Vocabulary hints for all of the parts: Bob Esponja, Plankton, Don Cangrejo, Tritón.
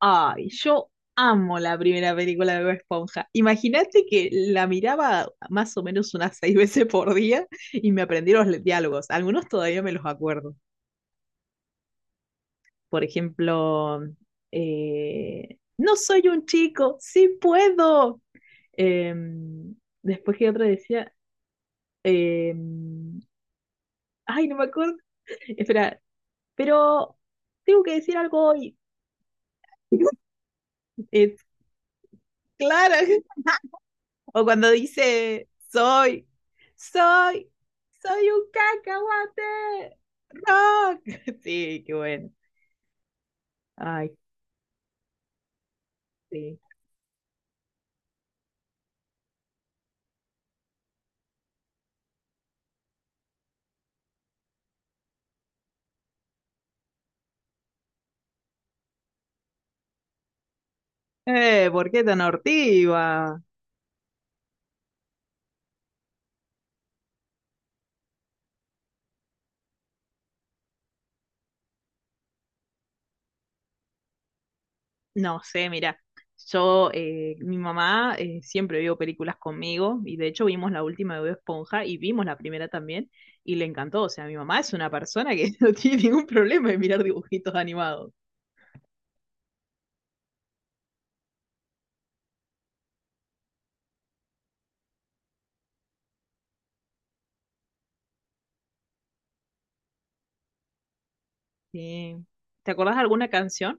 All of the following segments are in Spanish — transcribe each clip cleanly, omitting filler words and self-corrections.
Ay, yo amo la primera película de Bob Esponja. Imagínate que la miraba más o menos unas seis veces por día y me aprendí diálogos. Algunos todavía me los acuerdo. Por ejemplo, no soy un chico, sí puedo. Em, Después que otra decía, em, ay, no me acuerdo. Espera, pero tengo que decir algo hoy. Es Clara. O cuando dice, soy, soy un cacahuate. Rock. Sí, qué bueno. Ay, sí. ¿Por qué tan hortiva? No sé, mira, yo, mi mamá siempre vio películas conmigo y de hecho vimos la última de Bob Esponja y vimos la primera también y le encantó. O sea, mi mamá es una persona que no tiene ningún problema en mirar dibujitos animados. Sí. ¿Te acordás de alguna canción?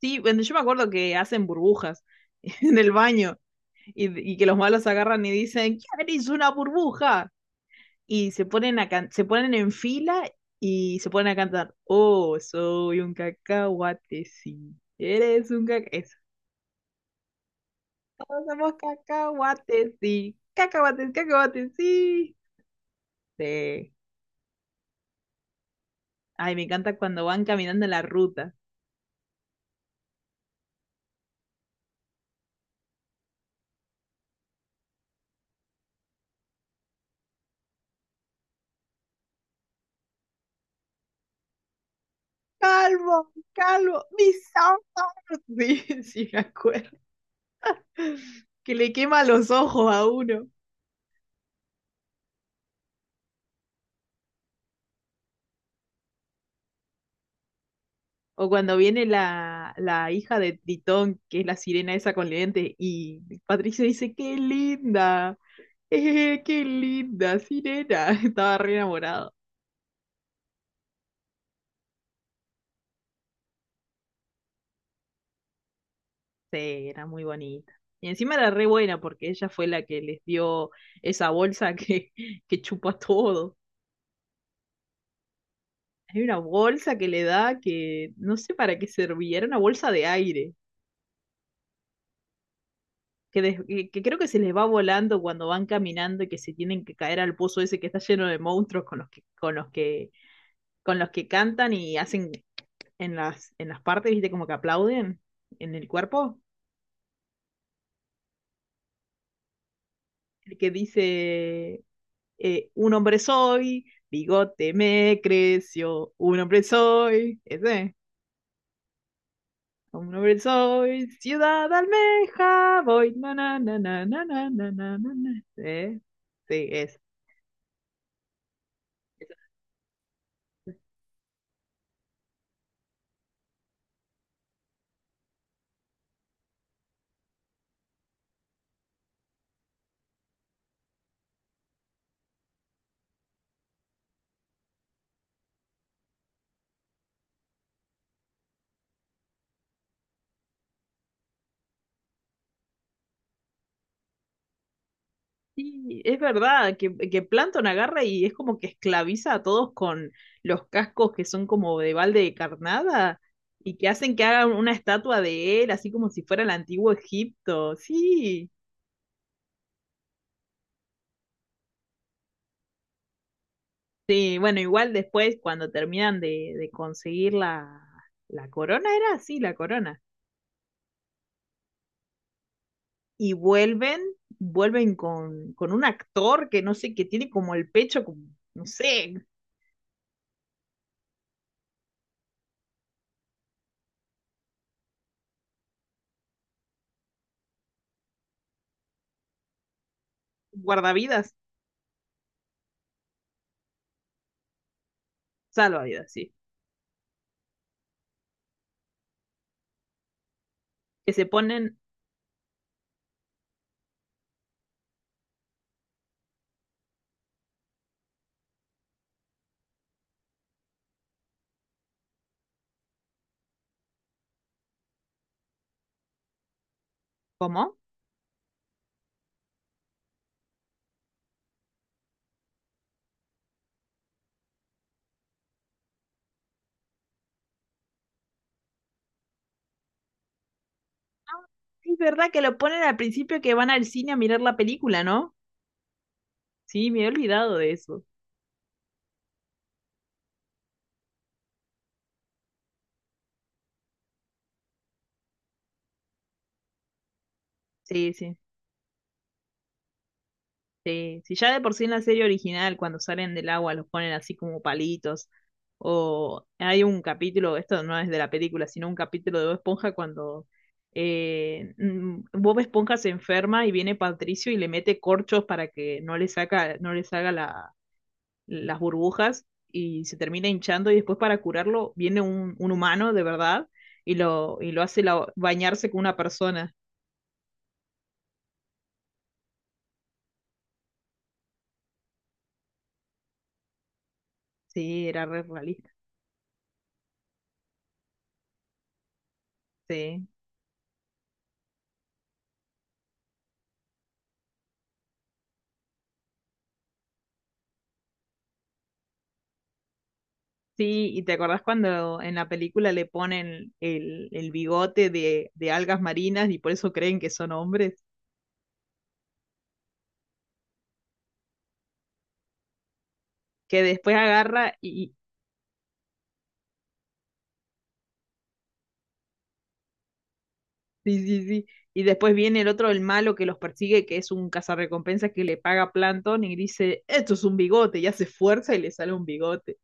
Sí, bueno, yo me acuerdo que hacen burbujas en el baño y que los malos agarran y dicen, ¿quién hizo una burbuja? Y se ponen, se ponen en fila y se ponen a cantar, oh, soy un cacahuate, sí. Eres un cacahuate. Somos cacahuates, sí. Cacahuates, cacahuates, sí. Sí. Ay, me encanta cuando van caminando en la ruta. Calvo, calvo, mis ojos. Sí, sí, me acuerdo. Que le quema los ojos a uno. O cuando viene la hija de Tritón, que es la sirena esa con lentes, y Patricio dice, ¡qué linda! ¡Qué linda, sirena! Estaba re enamorado. Sí, era muy bonita. Y encima era re buena porque ella fue la que les dio esa bolsa que chupa todo. Hay una bolsa que le da que no sé para qué servía, era una bolsa de aire. Que creo que se les va volando cuando van caminando y que se tienen que caer al pozo ese que está lleno de monstruos con los que cantan y hacen en en las partes, viste, como que aplauden en el cuerpo, el que dice, un hombre soy, bigote me creció, un hombre soy, ese. Un hombre soy, ciudad almeja, voy, na na na na na na na na na. Sí, Sí, es verdad que Plankton agarra y es como que esclaviza a todos con los cascos que son como de balde de carnada y que hacen que hagan una estatua de él, así como si fuera el antiguo Egipto. Sí, sí, bueno, igual después cuando terminan de conseguir la corona, era así, la corona. Y vuelven, vuelven con un actor que no sé, que tiene como el pecho, como, no sé, guardavidas, salvavidas, sí, que se ponen, ¿cómo? Ah, es verdad que lo ponen al principio que van al cine a mirar la película, ¿no? Sí, me he olvidado de eso. Sí, sí, sí. Si ya de por sí en la serie original, cuando salen del agua, los ponen así como palitos. O hay un capítulo, esto no es de la película, sino un capítulo de Bob Esponja cuando Bob Esponja se enferma y viene Patricio y le mete corchos para que no le salga las burbujas y se termina hinchando y después para curarlo viene un humano de verdad y lo hace bañarse con una persona. Sí, era re realista. Sí. Sí, y te acordás cuando en la película le ponen el bigote de algas marinas y por eso creen que son hombres, que después agarra y- sí, sí, sí, y después viene el otro, el malo que los persigue, que es un cazarrecompensa que le paga Plankton y dice, esto es un bigote, y hace fuerza y le sale un bigote.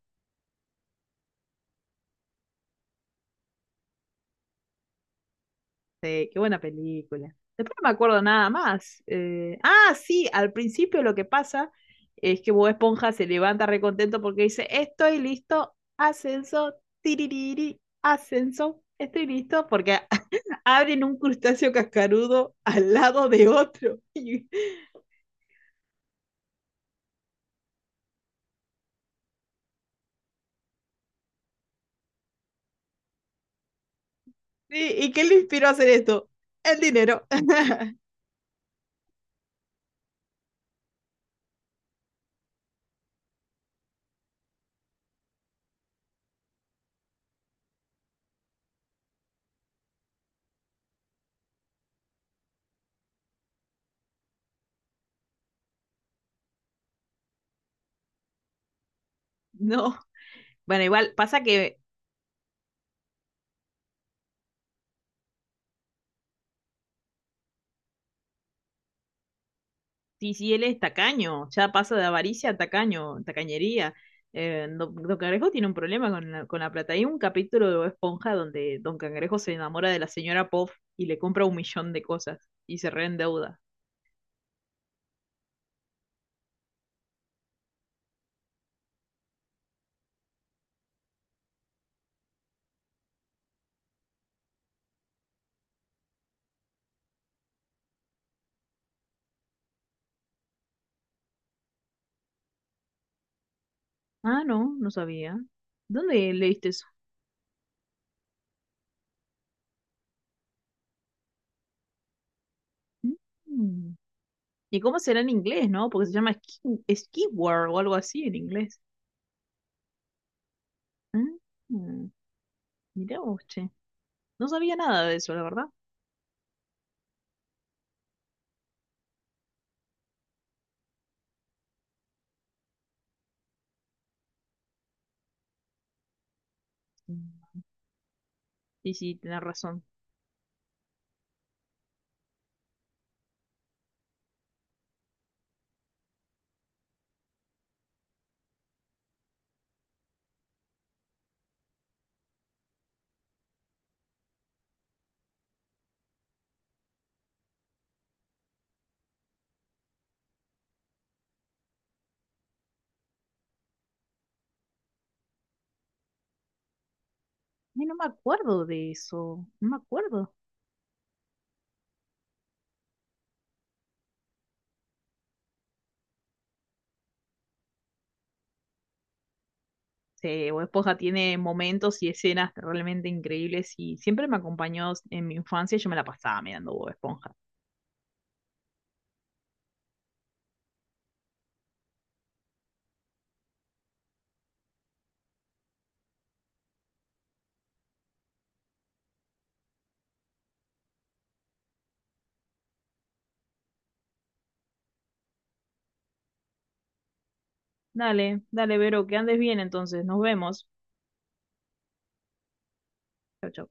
Sí, qué buena película. Después no me acuerdo nada más. Sí, al principio lo que pasa es que Bob Esponja se levanta recontento porque dice, estoy listo, ascenso, tiririri, ascenso, estoy listo, porque abren un crustáceo cascarudo al lado de otro. ¿Y, sí, y qué le inspiró a hacer esto? El dinero. No. Bueno, igual pasa que sí, sí, él es tacaño, ya pasa de avaricia a tacaño, tacañería. Don Cangrejo tiene un problema con con la plata. Hay un capítulo de Bob Esponja donde Don Cangrejo se enamora de la señora Pop y le compra un millón de cosas y se reendeuda. Ah, no, no sabía. ¿Dónde leíste eso? Mm. ¿Y cómo será en inglés, no? Porque se llama Ski, Skiwar o algo así en inglés. Ah, mm. Mirá vos, che. No sabía nada de eso, la verdad. Mm. Sí, sí, tenés razón. Ay, no me acuerdo de eso, no me acuerdo. Sí, Bob Esponja tiene momentos y escenas realmente increíbles y siempre me acompañó en mi infancia, y yo me la pasaba mirando Bob Esponja. Dale, dale, Vero, que andes bien entonces, nos vemos. Chau, chau.